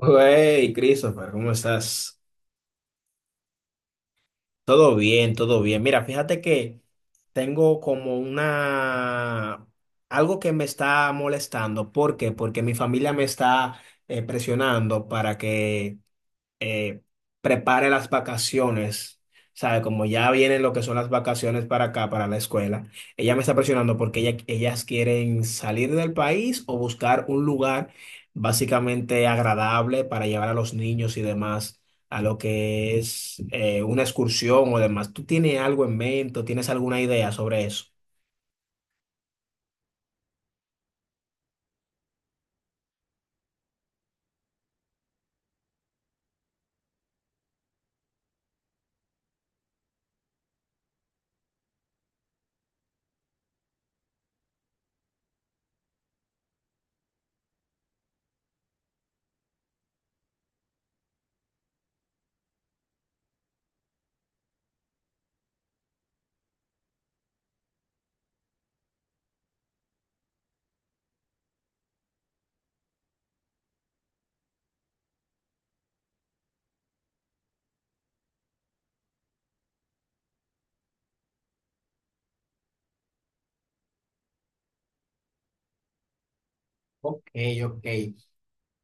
Hey, Christopher, ¿cómo estás? Todo bien, todo bien. Mira, fíjate que tengo como algo que me está molestando. ¿Por qué? Porque mi familia me está presionando para que eh, prepare las vacaciones, ¿sabe? Como ya vienen lo que son las vacaciones para acá, para la escuela, ella me está presionando porque ellas quieren salir del país o buscar un lugar básicamente agradable para llevar a los niños y demás a lo que es una excursión o demás. ¿Tú tienes algo en mente o tienes alguna idea sobre eso? Ok, ok.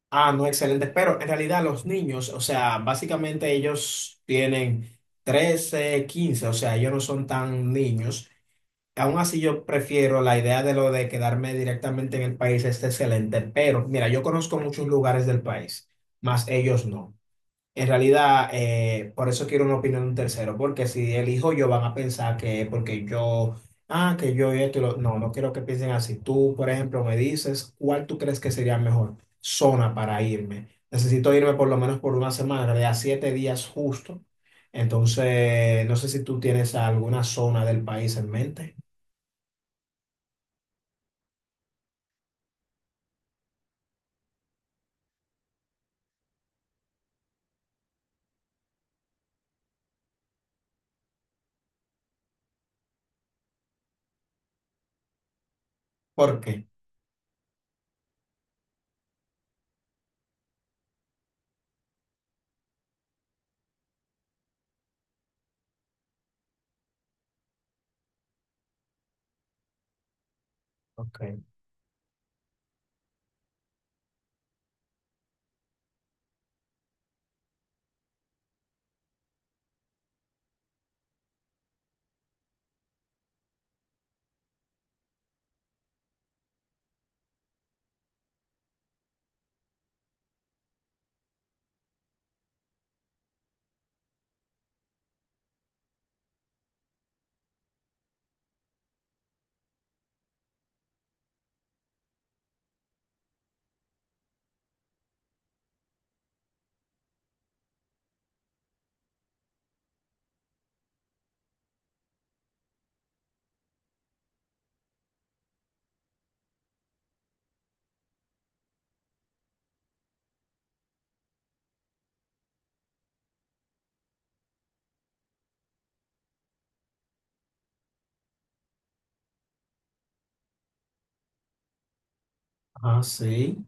Ah, no, excelente. Pero en realidad los niños, o sea, básicamente ellos tienen 13, 15, o sea, ellos no son tan niños. Aún así yo prefiero la idea de lo de quedarme directamente en el país, es excelente. Pero mira, yo conozco muchos lugares del país, más ellos no. En realidad, por eso quiero una opinión de un tercero, porque si elijo yo van a pensar que porque yo, ah, que yo esto, no, no quiero que piensen así. Tú, por ejemplo, me dices cuál tú crees que sería mejor zona para irme. Necesito irme por lo menos por una semana, en realidad 7 días justo. Entonces, no sé si tú tienes alguna zona del país en mente. ¿Por qué? Ok. Ah, sí.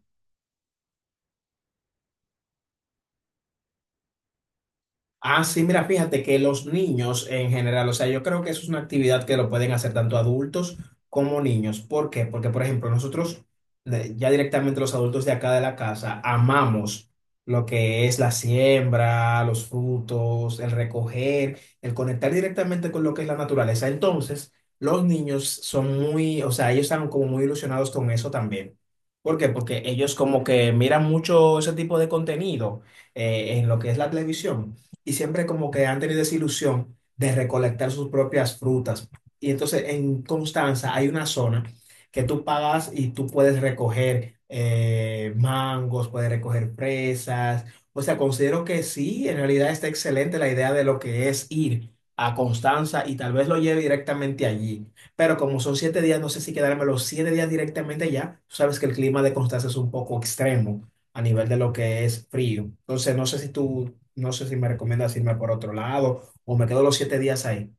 Ah, sí, mira, fíjate que los niños en general, o sea, yo creo que eso es una actividad que lo pueden hacer tanto adultos como niños. ¿Por qué? Porque, por ejemplo, nosotros, ya directamente los adultos de acá de la casa, amamos lo que es la siembra, los frutos, el recoger, el conectar directamente con lo que es la naturaleza. Entonces, los niños son muy, o sea, ellos están como muy ilusionados con eso también. ¿Por qué? Porque ellos como que miran mucho ese tipo de contenido en lo que es la televisión y siempre como que han tenido esa ilusión de recolectar sus propias frutas. Y entonces en Constanza hay una zona que tú pagas y tú puedes recoger mangos, puedes recoger fresas. O sea, considero que sí, en realidad está excelente la idea de lo que es ir a Constanza y tal vez lo lleve directamente allí. Pero como son 7 días, no sé si quedarme los 7 días directamente allá. Tú sabes que el clima de Constanza es un poco extremo a nivel de lo que es frío. Entonces, no sé si tú no sé si me recomiendas irme por otro lado o me quedo los 7 días ahí.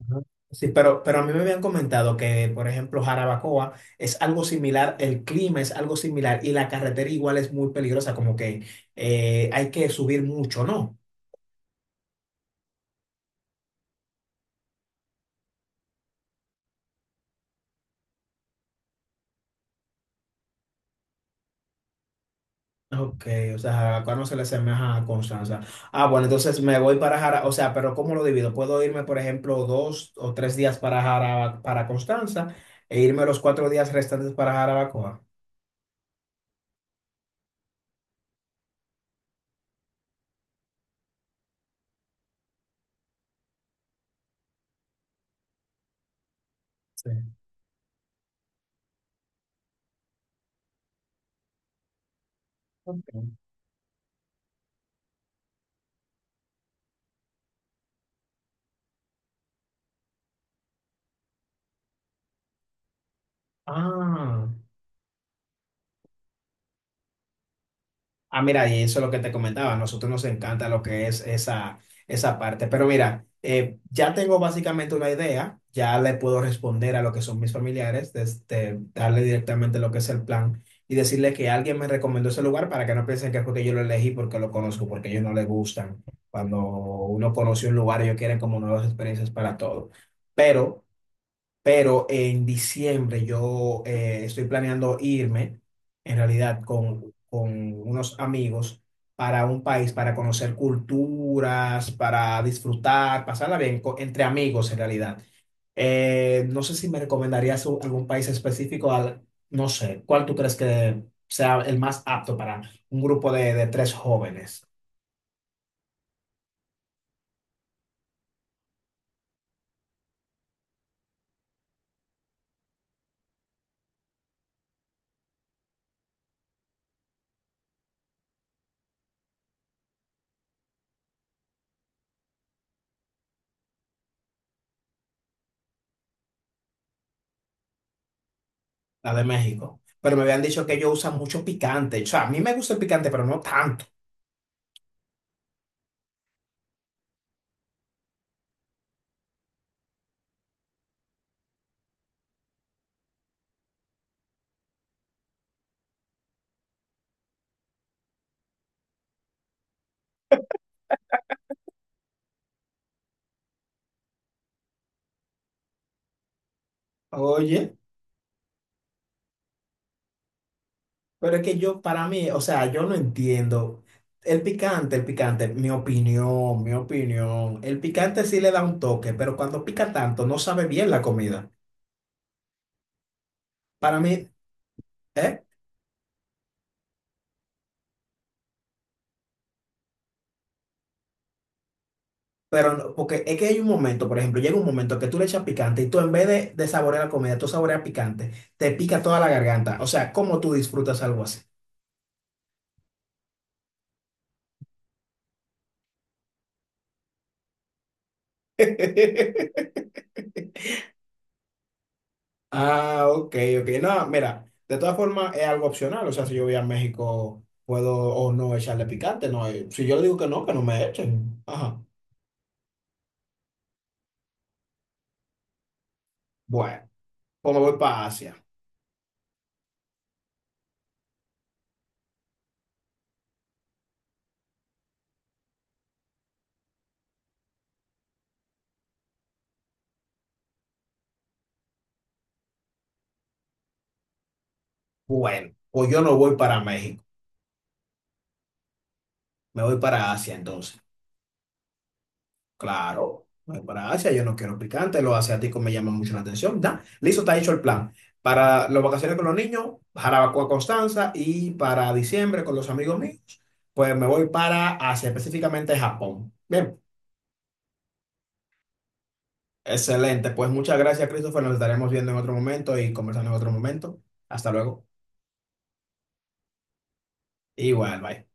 Ajá. Sí, pero a mí me habían comentado que, por ejemplo, Jarabacoa es algo similar, el clima es algo similar y la carretera igual es muy peligrosa, como que hay que subir mucho, ¿no? Ok, o sea, Jarabacoa no se le asemeja a Constanza. Ah, bueno, entonces me voy para Jarabacoa, o sea, pero ¿cómo lo divido? Puedo irme, por ejemplo, 2 o 3 días para para Constanza e irme los 4 días restantes para Jarabacoa. Sí. Ok. Ah. Ah, mira, y eso es lo que te comentaba, a nosotros nos encanta lo que es esa parte, pero mira, ya tengo básicamente una idea, ya le puedo responder a lo que son mis familiares, desde, darle directamente lo que es el plan y decirle que alguien me recomendó ese lugar para que no piensen que fue que yo lo elegí porque lo conozco, porque a ellos no les gustan. Cuando uno conoce un lugar, ellos quieren como nuevas experiencias para todo, pero... Pero en diciembre yo estoy planeando irme, en realidad, con unos amigos para un país, para conocer culturas, para disfrutar, pasarla bien entre amigos, en realidad. No sé si me recomendarías algún país específico, al, no sé, ¿cuál tú crees que sea el más apto para un grupo de tres jóvenes, la de México? Pero me habían dicho que ellos usan mucho picante. O sea, a mí me gusta el picante, pero no tanto. Oye. Pero es que yo, para mí, o sea, yo no entiendo. El picante, mi opinión, mi opinión. El picante sí le da un toque, pero cuando pica tanto no sabe bien la comida. Para mí, ¿eh? Pero, no- porque es que hay un momento, por ejemplo, llega un momento que tú le echas picante y tú en vez de saborear la comida, tú saboreas picante, te pica toda la garganta. O sea, ¿cómo tú disfrutas algo así? Ah, ok, ok. No, mira, de todas formas es algo opcional. O sea, si yo voy a México, puedo o no echarle picante. No, eh, si yo le digo que no me echen. Ajá. Bueno, pues me voy para Asia. Bueno, pues yo no voy para México. Me voy para Asia entonces. Claro, me voy para Asia. Yo no quiero picante. Los asiáticos me llaman mucho la atención. Da, listo, está hecho el plan. Para las vacaciones con los niños, Jarabacoa, Constanza. Y para diciembre con los amigos míos, pues me voy para Asia, específicamente Japón. Bien. Excelente, pues muchas gracias, Christopher. Nos estaremos viendo en otro momento y conversando en otro momento. Hasta luego. Igual, bye.